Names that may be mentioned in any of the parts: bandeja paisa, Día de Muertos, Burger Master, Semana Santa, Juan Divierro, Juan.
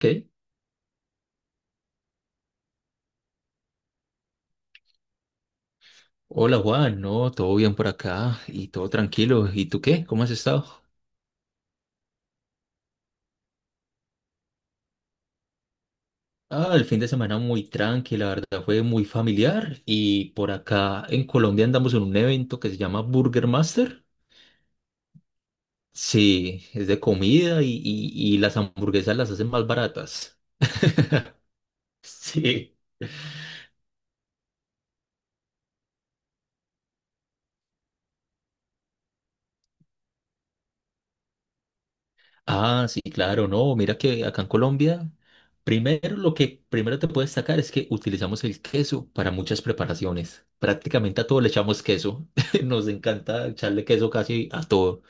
Ok. Hola Juan, no, todo bien por acá y todo tranquilo. ¿Y tú qué? ¿Cómo has estado? Ah, el fin de semana muy tranqui, la verdad fue muy familiar y por acá en Colombia andamos en un evento que se llama Burger Master. Sí, es de comida y las hamburguesas las hacen más baratas. Sí. Ah, sí, claro, no, mira que acá en Colombia, primero lo que primero te puedo destacar es que utilizamos el queso para muchas preparaciones. Prácticamente a todo le echamos queso. Nos encanta echarle queso casi a todo.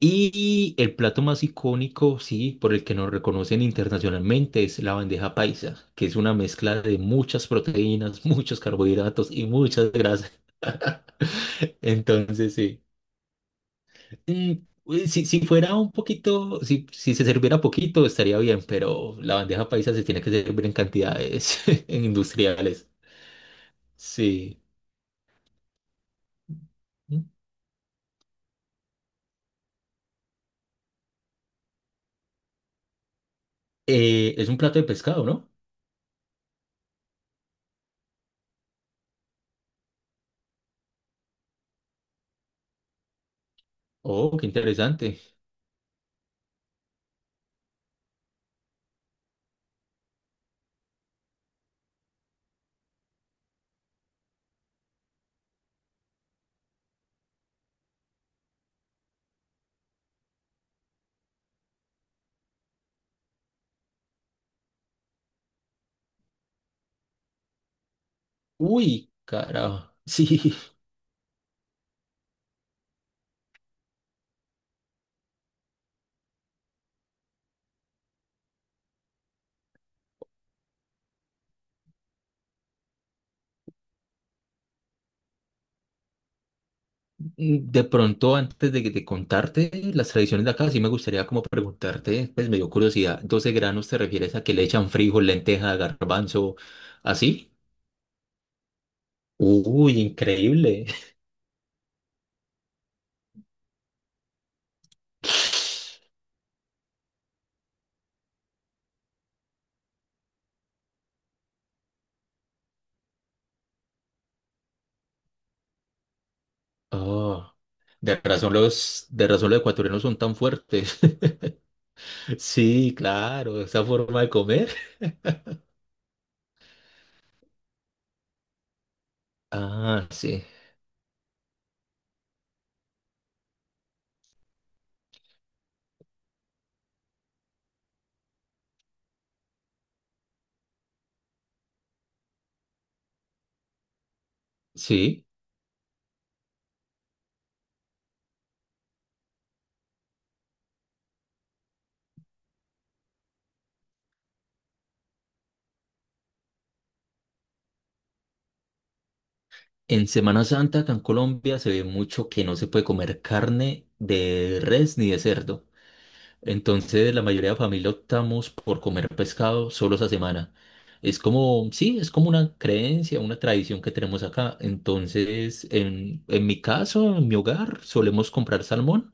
Y el plato más icónico, sí, por el que nos reconocen internacionalmente es la bandeja paisa, que es una mezcla de muchas proteínas, muchos carbohidratos y muchas grasas. Entonces, sí. Mm, uy, si fuera un poquito, si se serviera poquito, estaría bien, pero la bandeja paisa se tiene que servir en cantidades en industriales. Sí. Es un plato de pescado, ¿no? Oh, qué interesante. Uy, carajo. Sí, de pronto antes de contarte las tradiciones de acá, sí me gustaría como preguntarte, pues me dio curiosidad, 12 granos te refieres a que le echan frijol, lenteja, garbanzo, ¿así? Uy, increíble. Oh. De razón los ecuatorianos son tan fuertes. Sí, claro, esa forma de comer. Ah, sí, sí. En Semana Santa acá en Colombia se ve mucho que no se puede comer carne de res ni de cerdo. Entonces la mayoría de familia optamos por comer pescado solo esa semana. Es como, sí, es como una creencia, una tradición que tenemos acá. Entonces, en mi caso, en mi hogar, solemos comprar salmón.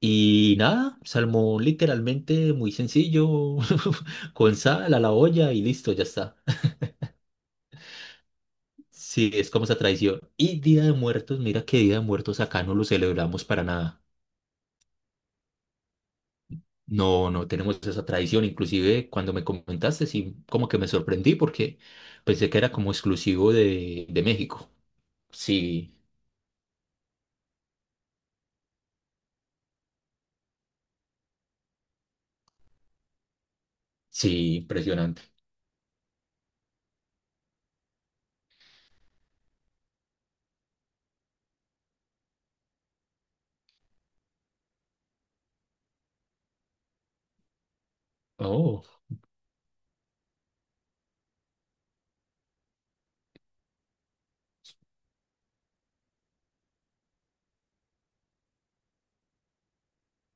Y nada, salmón literalmente muy sencillo, con sal a la olla y listo, ya está. Sí, es como esa tradición. Y Día de Muertos, mira que Día de Muertos acá no lo celebramos para nada. No, no tenemos esa tradición. Inclusive cuando me comentaste, sí, como que me sorprendí porque pensé que era como exclusivo de México. Sí, sí, impresionante. Oh,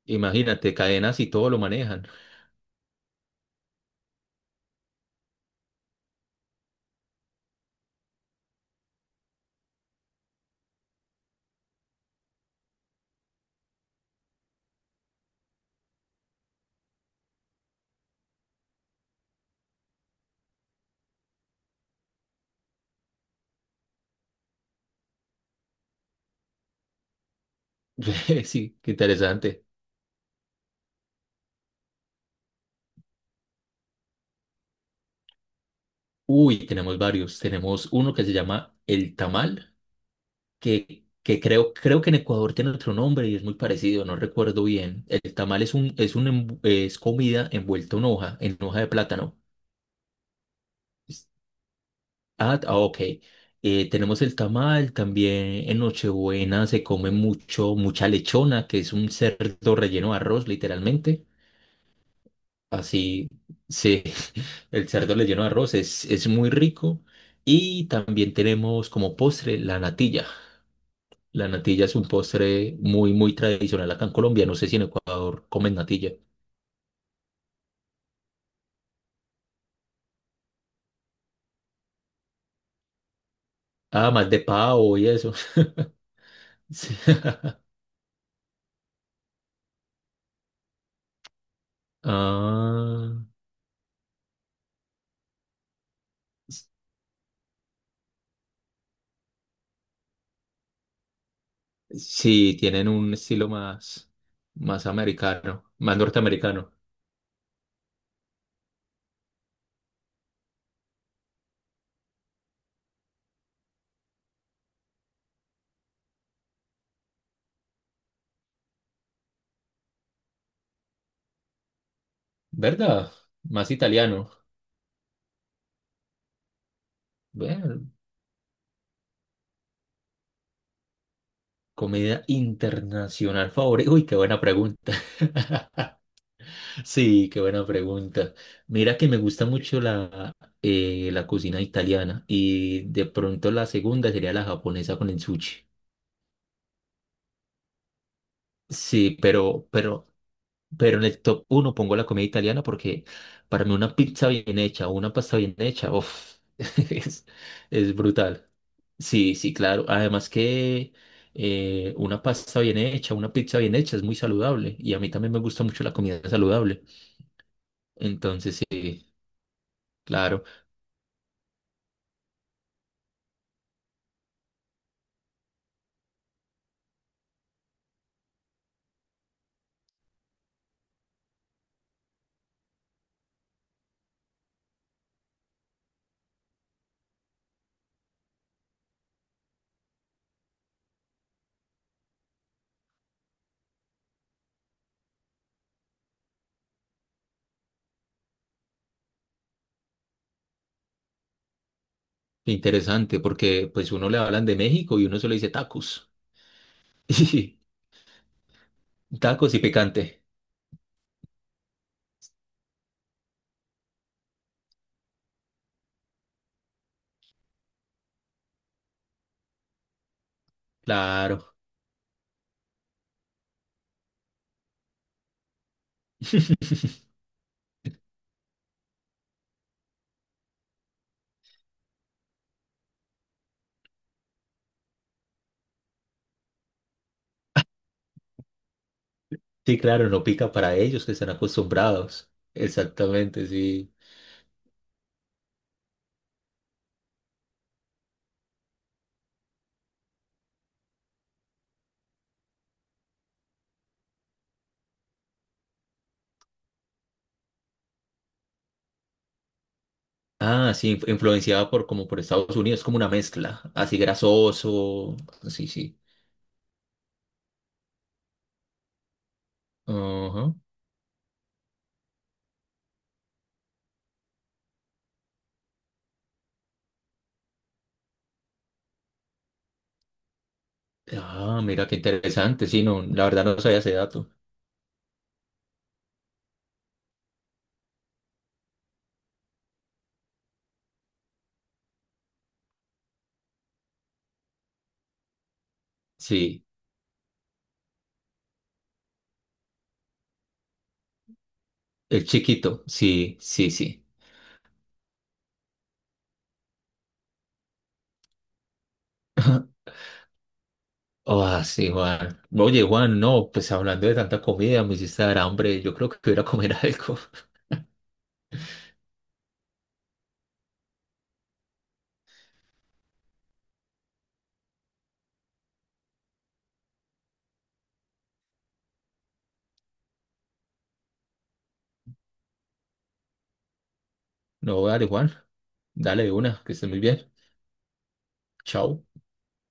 imagínate, cadenas y todo lo manejan. Sí, qué interesante. Uy, tenemos varios. Tenemos uno que se llama el tamal, que, que creo que en Ecuador tiene otro nombre y es muy parecido, no recuerdo bien. El tamal es un, es un, es comida envuelta en hoja de plátano. Es- Ah, ah, ok. Tenemos el tamal, también en Nochebuena se come mucho, mucha lechona, que es un cerdo relleno de arroz, literalmente. Así, sí, el cerdo relleno de arroz es muy rico. Y también tenemos como postre la natilla. La natilla es un postre muy, muy tradicional acá en Colombia. No sé si en Ecuador comen natilla. Ah, más de pavo y eso. Sí. Ah, sí, tienen un estilo más, más americano, más norteamericano. ¿Verdad? Más italiano. Bueno, comida internacional favorita. Uy, qué buena pregunta. Sí, qué buena pregunta. Mira que me gusta mucho la, la cocina italiana y de pronto la segunda sería la japonesa con el sushi. Sí, pero en el top uno pongo la comida italiana porque para mí una pizza bien hecha o una pasta bien hecha, uf, es, es brutal. Sí, sí, claro. Además que una pasta bien hecha, una pizza bien hecha es muy saludable y a mí también me gusta mucho la comida saludable. Entonces, sí, claro. Interesante, porque pues uno le hablan de México y uno solo dice tacos. Y tacos y picante. Claro. Sí, claro, no pica para ellos que están acostumbrados. Exactamente, sí. Ah, sí, influenciada por como por Estados Unidos, como una mezcla, así grasoso. Sí, sí. Ajá. Ah, mira qué interesante. Sí, no, la verdad no sabía ese dato. Sí, el chiquito. Sí, sí, sí. Oh, sí, Juan. Oye, Juan, no, pues hablando de tanta comida, me hiciste dar hambre. Yo creo que voy a ir a comer algo. No, dale, Juan. Dale de una, que estés muy bien. Chao.